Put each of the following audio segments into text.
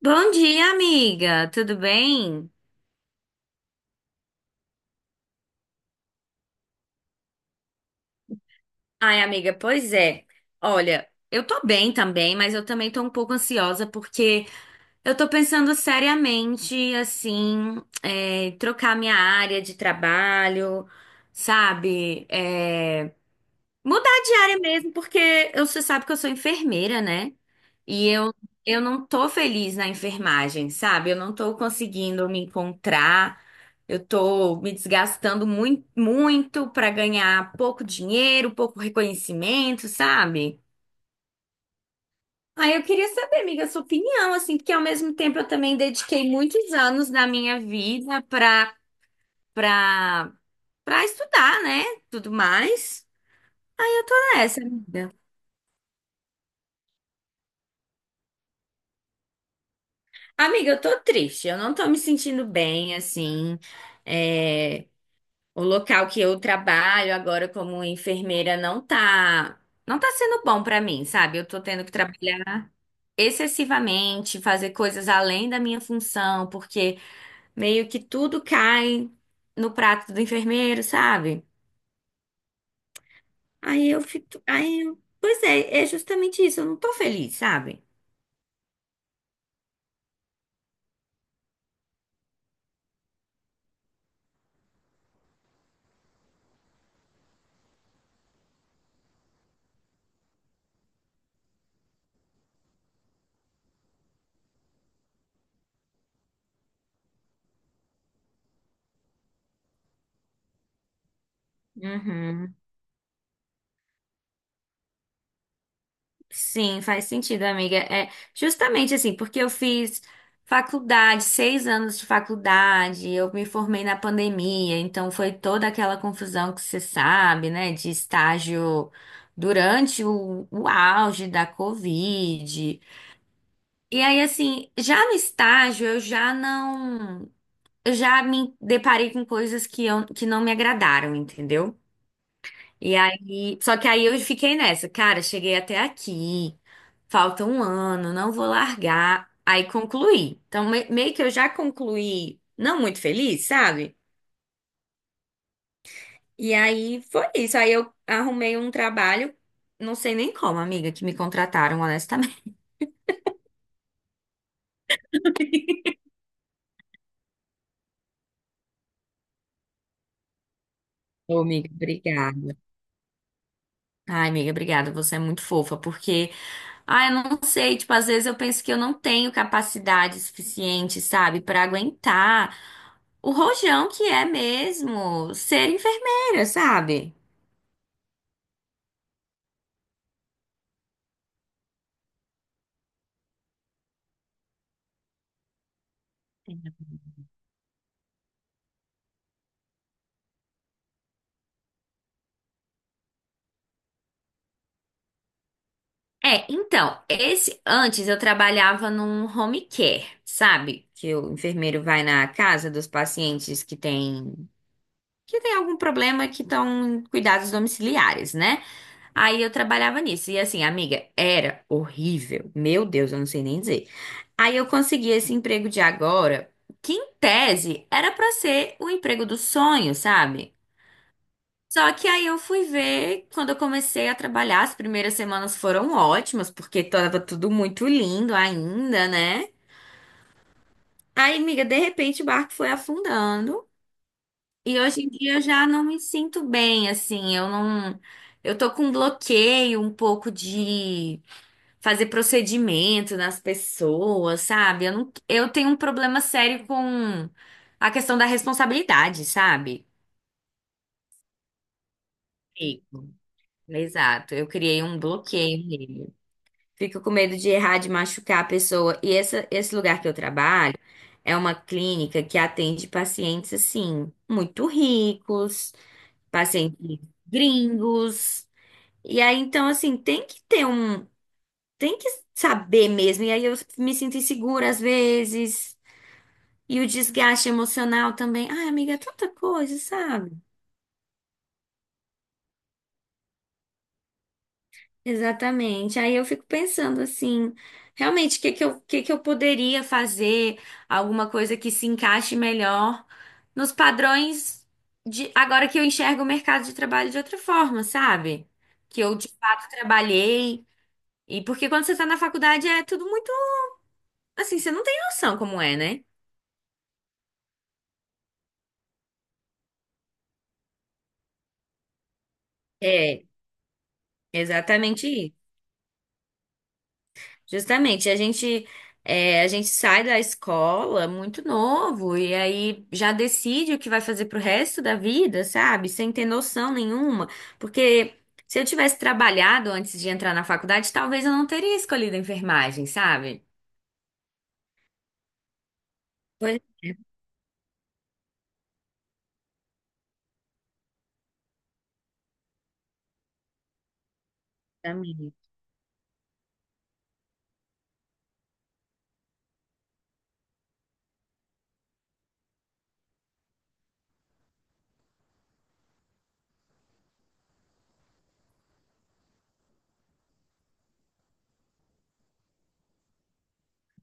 Bom dia, amiga. Tudo bem? Ai, amiga, pois é. Olha, eu tô bem também, mas eu também tô um pouco ansiosa porque eu tô pensando seriamente, assim, trocar minha área de trabalho, sabe? Mudar de área mesmo, porque você sabe que eu sou enfermeira, né? E eu não tô feliz na enfermagem, sabe? Eu não tô conseguindo me encontrar. Eu tô me desgastando muito, muito para ganhar pouco dinheiro, pouco reconhecimento, sabe? Aí eu queria saber, amiga, a sua opinião, assim, porque ao mesmo tempo eu também dediquei muitos anos da minha vida pra, pra estudar, né? Tudo mais. Ah, amiga. Amiga, eu tô triste, eu não tô me sentindo bem, assim. É, o local que eu trabalho agora como enfermeira não tá sendo bom pra mim, sabe? Eu tô tendo que trabalhar excessivamente, fazer coisas além da minha função, porque meio que tudo cai no prato do enfermeiro, sabe? Aí eu fico, aí, eu- pois é, é justamente isso, eu não tô feliz, sabe? Uhum. Sim, faz sentido, amiga. É justamente assim, porque eu fiz faculdade, 6 anos de faculdade, eu me formei na pandemia, então foi toda aquela confusão que você sabe, né, de estágio durante o auge da Covid. E aí, assim, já no estágio eu já não, eu já me deparei com coisas que não me agradaram, entendeu? E aí, só que aí eu fiquei nessa, cara, cheguei até aqui, falta um ano, não vou largar. Aí concluí. Então, meio que eu já concluí, não muito feliz, sabe? E aí foi isso. Aí eu arrumei um trabalho, não sei nem como, amiga, que me contrataram, honestamente. Ô, amiga, obrigada. Ai, amiga, obrigada, você é muito fofa, porque ah, eu não sei, tipo, às vezes eu penso que eu não tenho capacidade suficiente, sabe, pra aguentar o rojão que é mesmo ser enfermeira, sabe? É, então, esse antes eu trabalhava num home care, sabe? Que o enfermeiro vai na casa dos pacientes que tem algum problema que estão em cuidados domiciliares, né? Aí eu trabalhava nisso. E assim, amiga, era horrível. Meu Deus, eu não sei nem dizer. Aí eu consegui esse emprego de agora, que em tese era pra ser o emprego do sonho, sabe? Só que aí eu fui ver, quando eu comecei a trabalhar, as primeiras semanas foram ótimas, porque tava tudo muito lindo ainda, né? Aí, amiga, de repente o barco foi afundando. E hoje em dia eu já não me sinto bem, assim, eu não. Eu tô com bloqueio um pouco de fazer procedimento nas pessoas, sabe? Eu não, eu tenho um problema sério com a questão da responsabilidade, sabe? Sim. Exato, eu criei um bloqueio nele. Fico com medo de errar, de machucar a pessoa. E esse lugar que eu trabalho é uma clínica que atende pacientes, assim, muito ricos, pacientes gringos. E aí, então, assim, tem que ter um. Tem que saber mesmo. E aí eu me sinto insegura às vezes. E o desgaste emocional também. Ai, amiga, é tanta coisa, sabe? Exatamente. Aí eu fico pensando assim, realmente, o que que eu poderia fazer? Alguma coisa que se encaixe melhor nos padrões de agora que eu enxergo o mercado de trabalho de outra forma, sabe? Que eu de fato trabalhei. E porque quando você está na faculdade é tudo muito. Assim, você não tem noção como é, né? É, exatamente isso. Justamente, a gente sai da escola muito novo e aí já decide o que vai fazer pro resto da vida, sabe? Sem ter noção nenhuma, porque se eu tivesse trabalhado antes de entrar na faculdade, talvez eu não teria escolhido enfermagem, sabe? Pois é, amiga.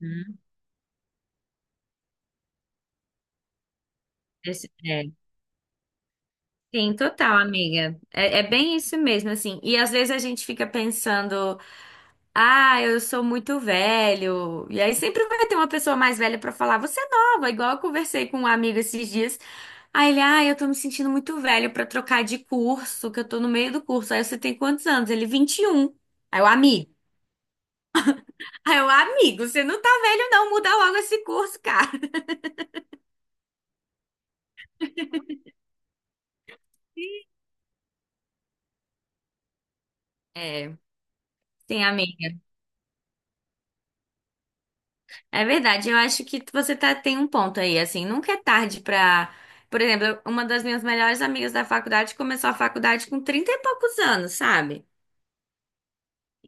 Uhum. É. Sim, total, amiga. É bem isso mesmo, assim. E às vezes a gente fica pensando. Ah, eu sou muito velho. E aí sempre vai ter uma pessoa mais velha pra falar, você é nova, igual eu conversei com um amigo esses dias. Aí ele, ah, eu tô me sentindo muito velho pra trocar de curso, que eu tô no meio do curso. Aí você tem quantos anos? Ele, 21. Aí o amigo. Aí o amigo, você não tá velho não, muda logo esse curso, cara. É, sim, amiga. É verdade, eu acho que você tá, tem um ponto aí, assim, nunca é tarde pra... Por exemplo, uma das minhas melhores amigas da faculdade começou a faculdade com 30 e poucos anos, sabe?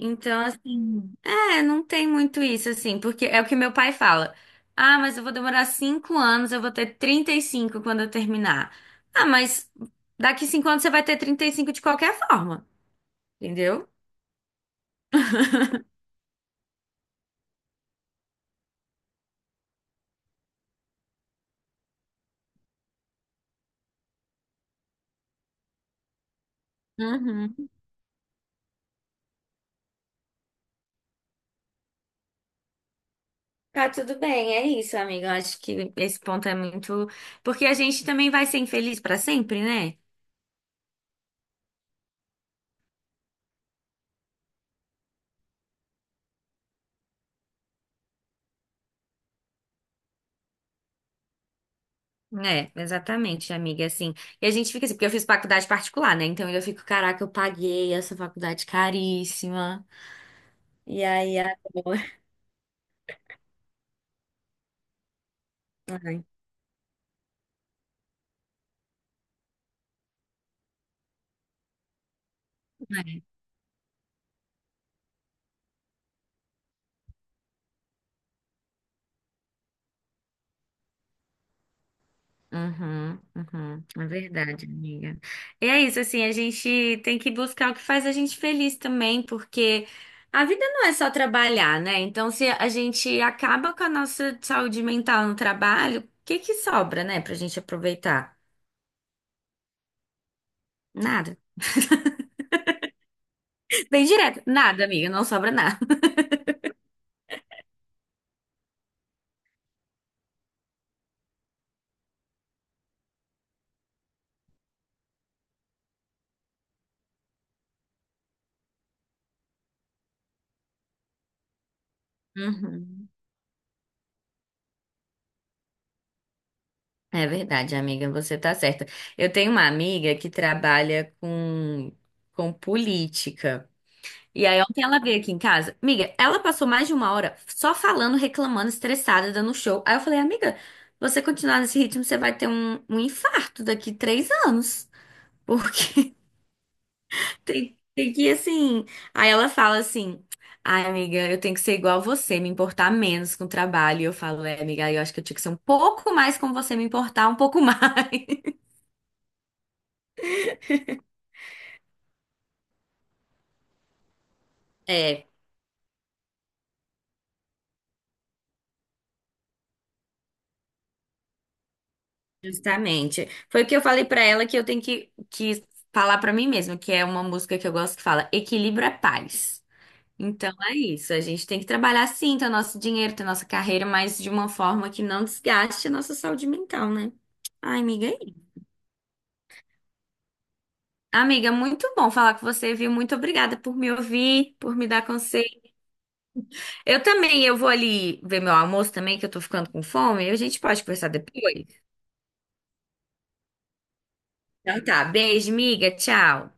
Então, assim, não tem muito isso, assim, porque é o que meu pai fala. Ah, mas eu vou demorar 5 anos, eu vou ter 35 quando eu terminar. Ah, mas daqui 5 anos você vai ter 35 de qualquer forma, entendeu? Uhum. Tá tudo bem, é isso, amiga. Eu acho que esse ponto é muito. Porque a gente também vai ser infeliz pra sempre, né? É, exatamente, amiga, assim. E a gente fica assim, porque eu fiz faculdade particular, né? Então eu fico, caraca, eu paguei essa faculdade caríssima. E aí, agora. Ai, é, uhum, uhum. É verdade, amiga. E é isso, assim, a gente tem que buscar o que faz a gente feliz também, porque a vida não é só trabalhar, né? Então, se a gente acaba com a nossa saúde mental no trabalho, o que que sobra, né, pra gente aproveitar? Nada. Bem direto, nada, amiga, não sobra nada. Uhum. É verdade, amiga, você tá certa. Eu tenho uma amiga que trabalha com política. E aí ontem ela veio aqui em casa. Amiga, ela passou mais de uma hora só falando, reclamando, estressada, dando show. Aí eu falei, amiga, você continuar nesse ritmo, você vai ter um infarto daqui 3 anos. Porque tem que ir assim. Aí ela fala assim, ai, amiga, eu tenho que ser igual a você, me importar menos com o trabalho. E eu falo, é, amiga, eu acho que eu tinha que ser um pouco mais como você, me importar um pouco mais. É, justamente. Foi o que eu falei pra ela que eu tenho que falar pra mim mesma, que é uma música que eu gosto que fala equilíbrio é paz. Então é isso, a gente tem que trabalhar sim, ter o nosso dinheiro, ter nossa carreira, mas de uma forma que não desgaste a nossa saúde mental, né? Ai, amiga, é isso. Amiga, muito bom falar com você, viu? Muito obrigada por me ouvir, por me dar conselho. Eu também, eu vou ali ver meu almoço também, que eu tô ficando com fome, e a gente pode conversar depois. Então tá, beijo, amiga, tchau.